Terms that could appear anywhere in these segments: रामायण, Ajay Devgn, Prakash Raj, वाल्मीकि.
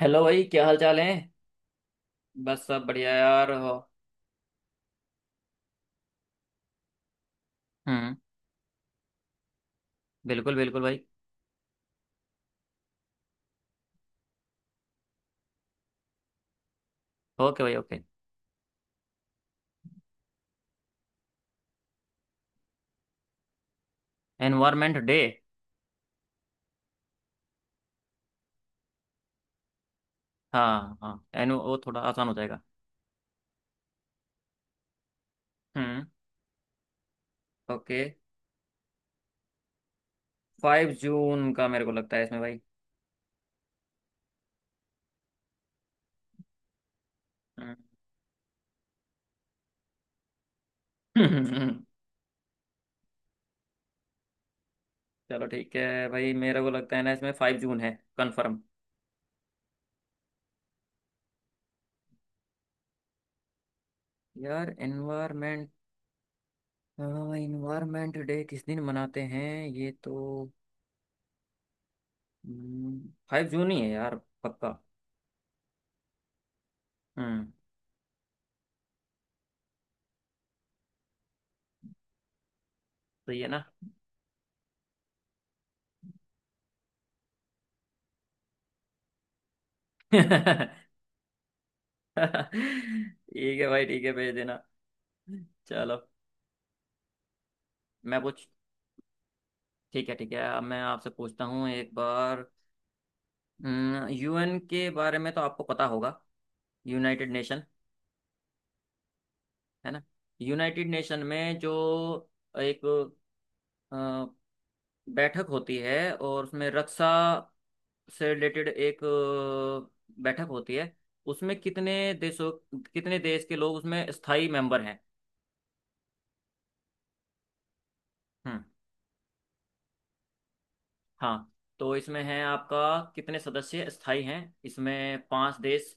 Hello भाई, क्या हाल चाल है? बस सब बढ़िया यार हो। हम्म। बिल्कुल बिल्कुल भाई। ओके भाई, ओके। Environment day. हाँ हाँ। एन वो थोड़ा आसान हो जाएगा। हम्म। ओके। 5 जून का मेरे को लगता है इसमें भाई। हम्म। चलो, ठीक है भाई, मेरे को लगता है ना इसमें 5 जून है। कंफर्म। यार, एनवायरमेंट एनवायरमेंट डे किस दिन मनाते हैं ये तो। 5 जून ही है यार। पक्का। हम्म। सही है ना? ठीक है भाई, ठीक है भेज देना। चलो। मैं पूछ ठीक है ठीक है, अब मैं आपसे पूछता हूँ एक बार। यूएन के बारे में तो आपको पता होगा। यूनाइटेड नेशन, है ना? यूनाइटेड नेशन में जो एक अ, बैठक होती है और उसमें रक्षा से रिलेटेड एक बैठक होती है, उसमें कितने देशों कितने देश के लोग उसमें स्थायी मेंबर हैं? हम्म। हाँ, तो इसमें है आपका, कितने सदस्य स्थायी हैं। इसमें पांच देश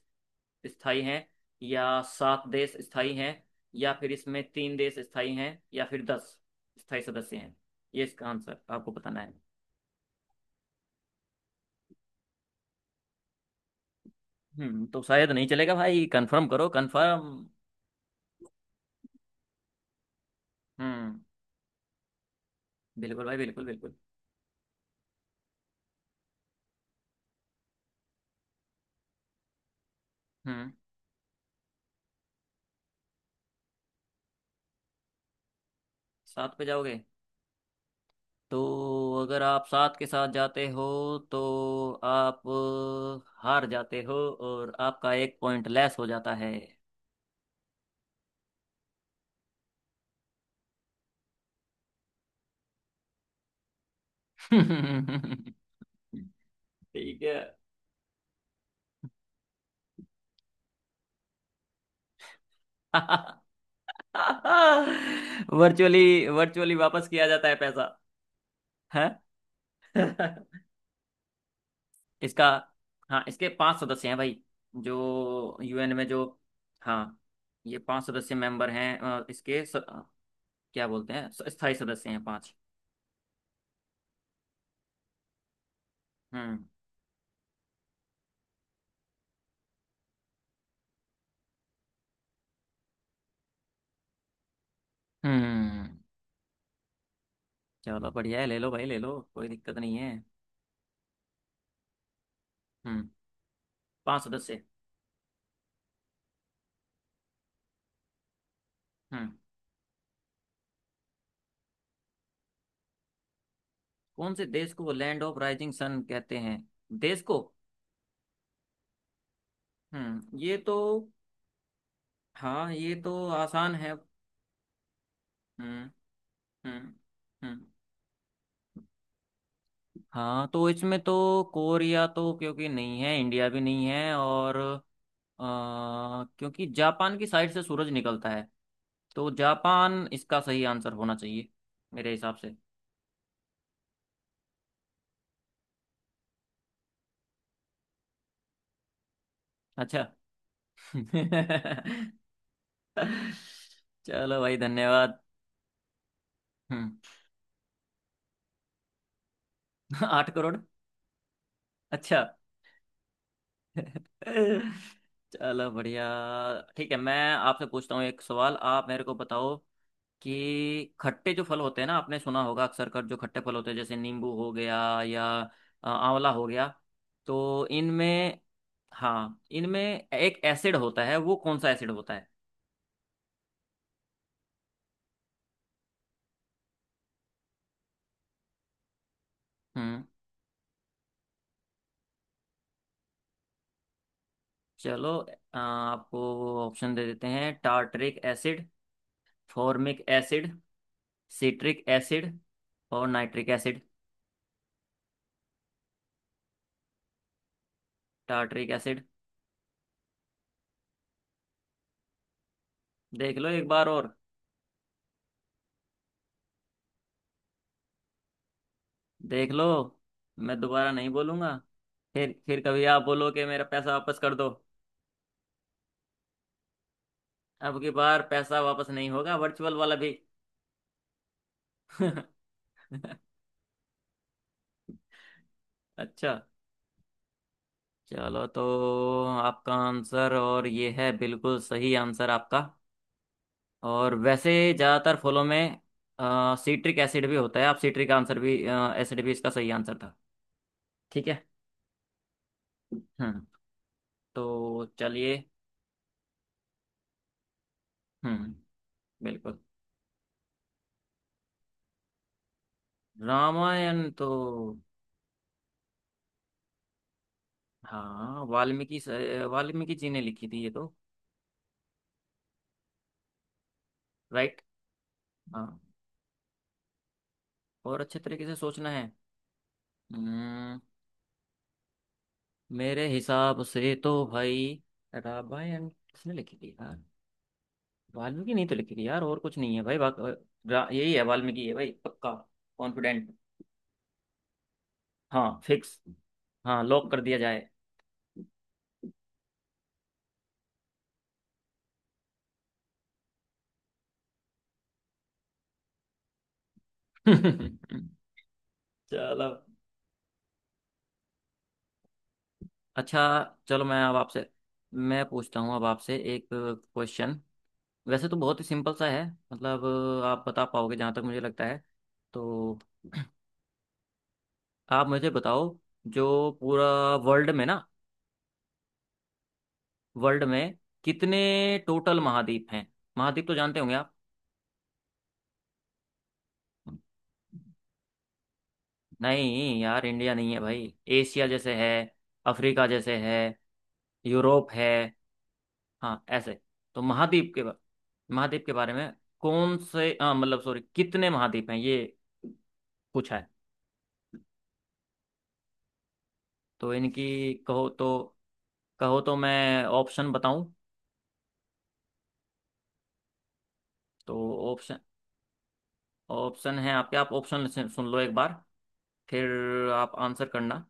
स्थायी हैं, या सात देश स्थायी हैं, या फिर इसमें तीन देश स्थायी हैं, या फिर 10 स्थायी सदस्य हैं। ये इसका आंसर आपको बताना है। तो शायद नहीं चलेगा भाई, कंफर्म करो कंफर्म। हम्म बिल्कुल भाई, बिल्कुल बिल्कुल। हम्म सात पे जाओगे? तो अगर आप सात के साथ जाते हो, तो आप हार जाते हो, और आपका एक पॉइंट लेस हो जाता है। ठीक है। वर्चुअली वर्चुअली वापस किया जाता है पैसा है इसका। हाँ, इसके पांच सदस्य हैं भाई, जो यूएन में जो। हाँ, ये पांच सदस्य मेंबर हैं, इसके क्या बोलते हैं, स्थायी सदस्य हैं पांच। हम्म। हम्म चलो, बढ़िया है, ले लो भाई, ले लो, कोई दिक्कत नहीं है। हम्म पांच सदस्य। हम्म। कौन से देश को लैंड ऑफ राइजिंग सन कहते हैं? देश को। ये तो। हाँ, ये तो आसान है। हम्म। हम्म। हम्म। हाँ, तो इसमें तो कोरिया तो क्योंकि नहीं है, इंडिया भी नहीं है, और क्योंकि जापान की साइड से सूरज निकलता है, तो जापान इसका सही आंसर होना चाहिए मेरे हिसाब से। अच्छा। चलो भाई, धन्यवाद। हम्म। 8 करोड़। अच्छा। चलो बढ़िया। ठीक है, मैं आपसे पूछता हूँ एक सवाल, आप मेरे को बताओ कि खट्टे जो फल होते हैं ना, आपने सुना होगा अक्सर कर, जो खट्टे फल होते हैं, जैसे नींबू हो गया या आंवला हो गया, तो इनमें, हाँ इनमें एक एसिड होता है, वो कौन सा एसिड होता है? हम्म चलो, आपको ऑप्शन दे देते हैं। Tartaric acid, formic acid, citric acid और नाइट्रिक एसिड। Tartaric acid? देख लो एक बार और। देख लो, मैं दोबारा नहीं बोलूंगा। फिर कभी आप बोलो कि मेरा पैसा वापस कर दो। अब की बार पैसा वापस नहीं होगा, वर्चुअल वाला भी। अच्छा। चलो तो, आपका आंसर और ये है, बिल्कुल सही आंसर आपका। और वैसे ज़्यादातर फलों में सीट्रिक एसिड भी होता है, आप सीट्रिक आंसर भी एसिड भी इसका सही आंसर था। ठीक है। हम्म तो चलिए। हम्म। बिल्कुल। रामायण तो। हाँ, वाल्मीकि जी ने लिखी थी ये तो। राइट। हाँ। और अच्छे तरीके से सोचना है। हम्म मेरे हिसाब से तो भाई, रामायण किसने लिखी थी यार? वाल्मीकि नहीं तो लिखी थी यार, और कुछ नहीं है भाई यही है, वाल्मीकि है भाई, पक्का, कॉन्फिडेंट। हाँ फिक्स। हाँ, लॉक कर दिया जाए। चलो, अच्छा। चलो, मैं पूछता हूँ अब आपसे एक क्वेश्चन। वैसे तो बहुत ही सिंपल सा है, मतलब, आप बता पाओगे जहाँ तक मुझे लगता है, तो आप मुझे बताओ, जो पूरा वर्ल्ड में ना, वर्ल्ड में कितने टोटल महाद्वीप हैं? महाद्वीप तो जानते होंगे आप। नहीं यार, इंडिया नहीं है भाई। एशिया जैसे है, अफ्रीका जैसे है, यूरोप है। हाँ ऐसे। तो महाद्वीप के बारे में, कौन से हाँ, मतलब सॉरी, कितने महाद्वीप हैं ये पूछा है। तो इनकी कहो तो मैं ऑप्शन बताऊं? तो ऑप्शन ऑप्शन है आपके, आप ऑप्शन सुन लो एक बार, फिर आप आंसर करना।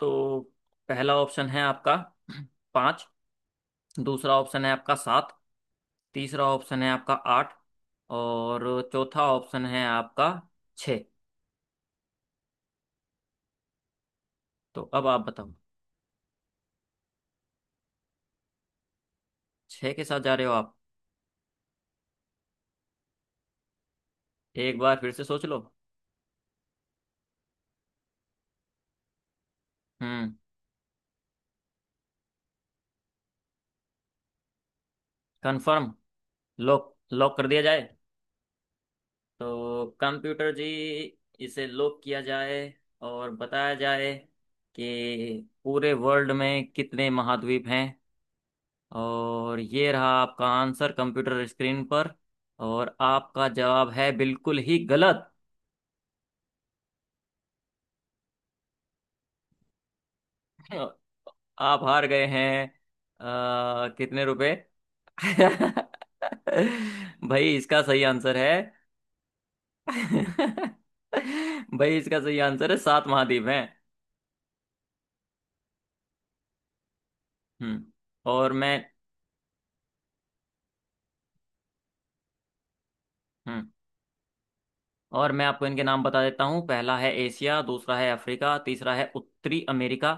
तो पहला ऑप्शन है आपका पाँच, दूसरा ऑप्शन है आपका सात, तीसरा ऑप्शन है आपका आठ, और चौथा ऑप्शन है आपका छः। तो अब आप बताओ। छः के साथ जा रहे हो आप? एक बार फिर से सोच लो। हम्म। कंफर्म? लॉक लॉक कर दिया जाए। तो कंप्यूटर जी, इसे लॉक किया जाए, और बताया जाए कि पूरे वर्ल्ड में कितने महाद्वीप हैं। और ये रहा आपका आंसर कंप्यूटर स्क्रीन पर। और आपका जवाब है बिल्कुल ही गलत। आप हार गए हैं। कितने रुपए। भाई, इसका सही आंसर है। भाई, इसका सही आंसर है, सात महाद्वीप हैं। हम्म और मैं हम्म और मैं आपको इनके नाम बता देता हूँ। पहला है एशिया, दूसरा है अफ्रीका, तीसरा है उत्तरी अमेरिका,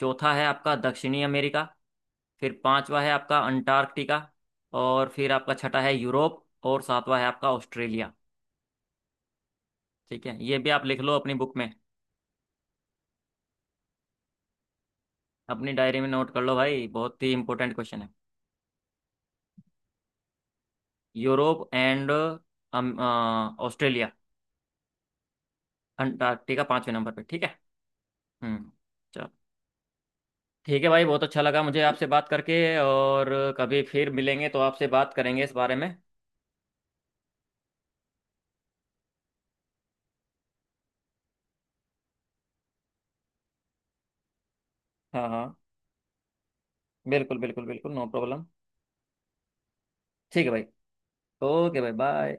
चौथा है आपका दक्षिणी अमेरिका, फिर पांचवा है आपका अंटार्कटिका, और फिर आपका छठा है यूरोप और सातवां है आपका ऑस्ट्रेलिया। ठीक है, ये भी आप लिख लो अपनी बुक में, अपनी डायरी में नोट कर लो भाई, बहुत ही इंपॉर्टेंट क्वेश्चन है। यूरोप एंड ऑस्ट्रेलिया, अंटार्कटिका पांचवें नंबर पे, ठीक है। हम्म चलो, ठीक है भाई, बहुत अच्छा लगा मुझे आपसे बात करके, और कभी फिर मिलेंगे तो आपसे बात करेंगे इस बारे में। हाँ हाँ, बिल्कुल बिल्कुल बिल्कुल, नो प्रॉब्लम। ठीक है भाई, ओके भाई, बाय।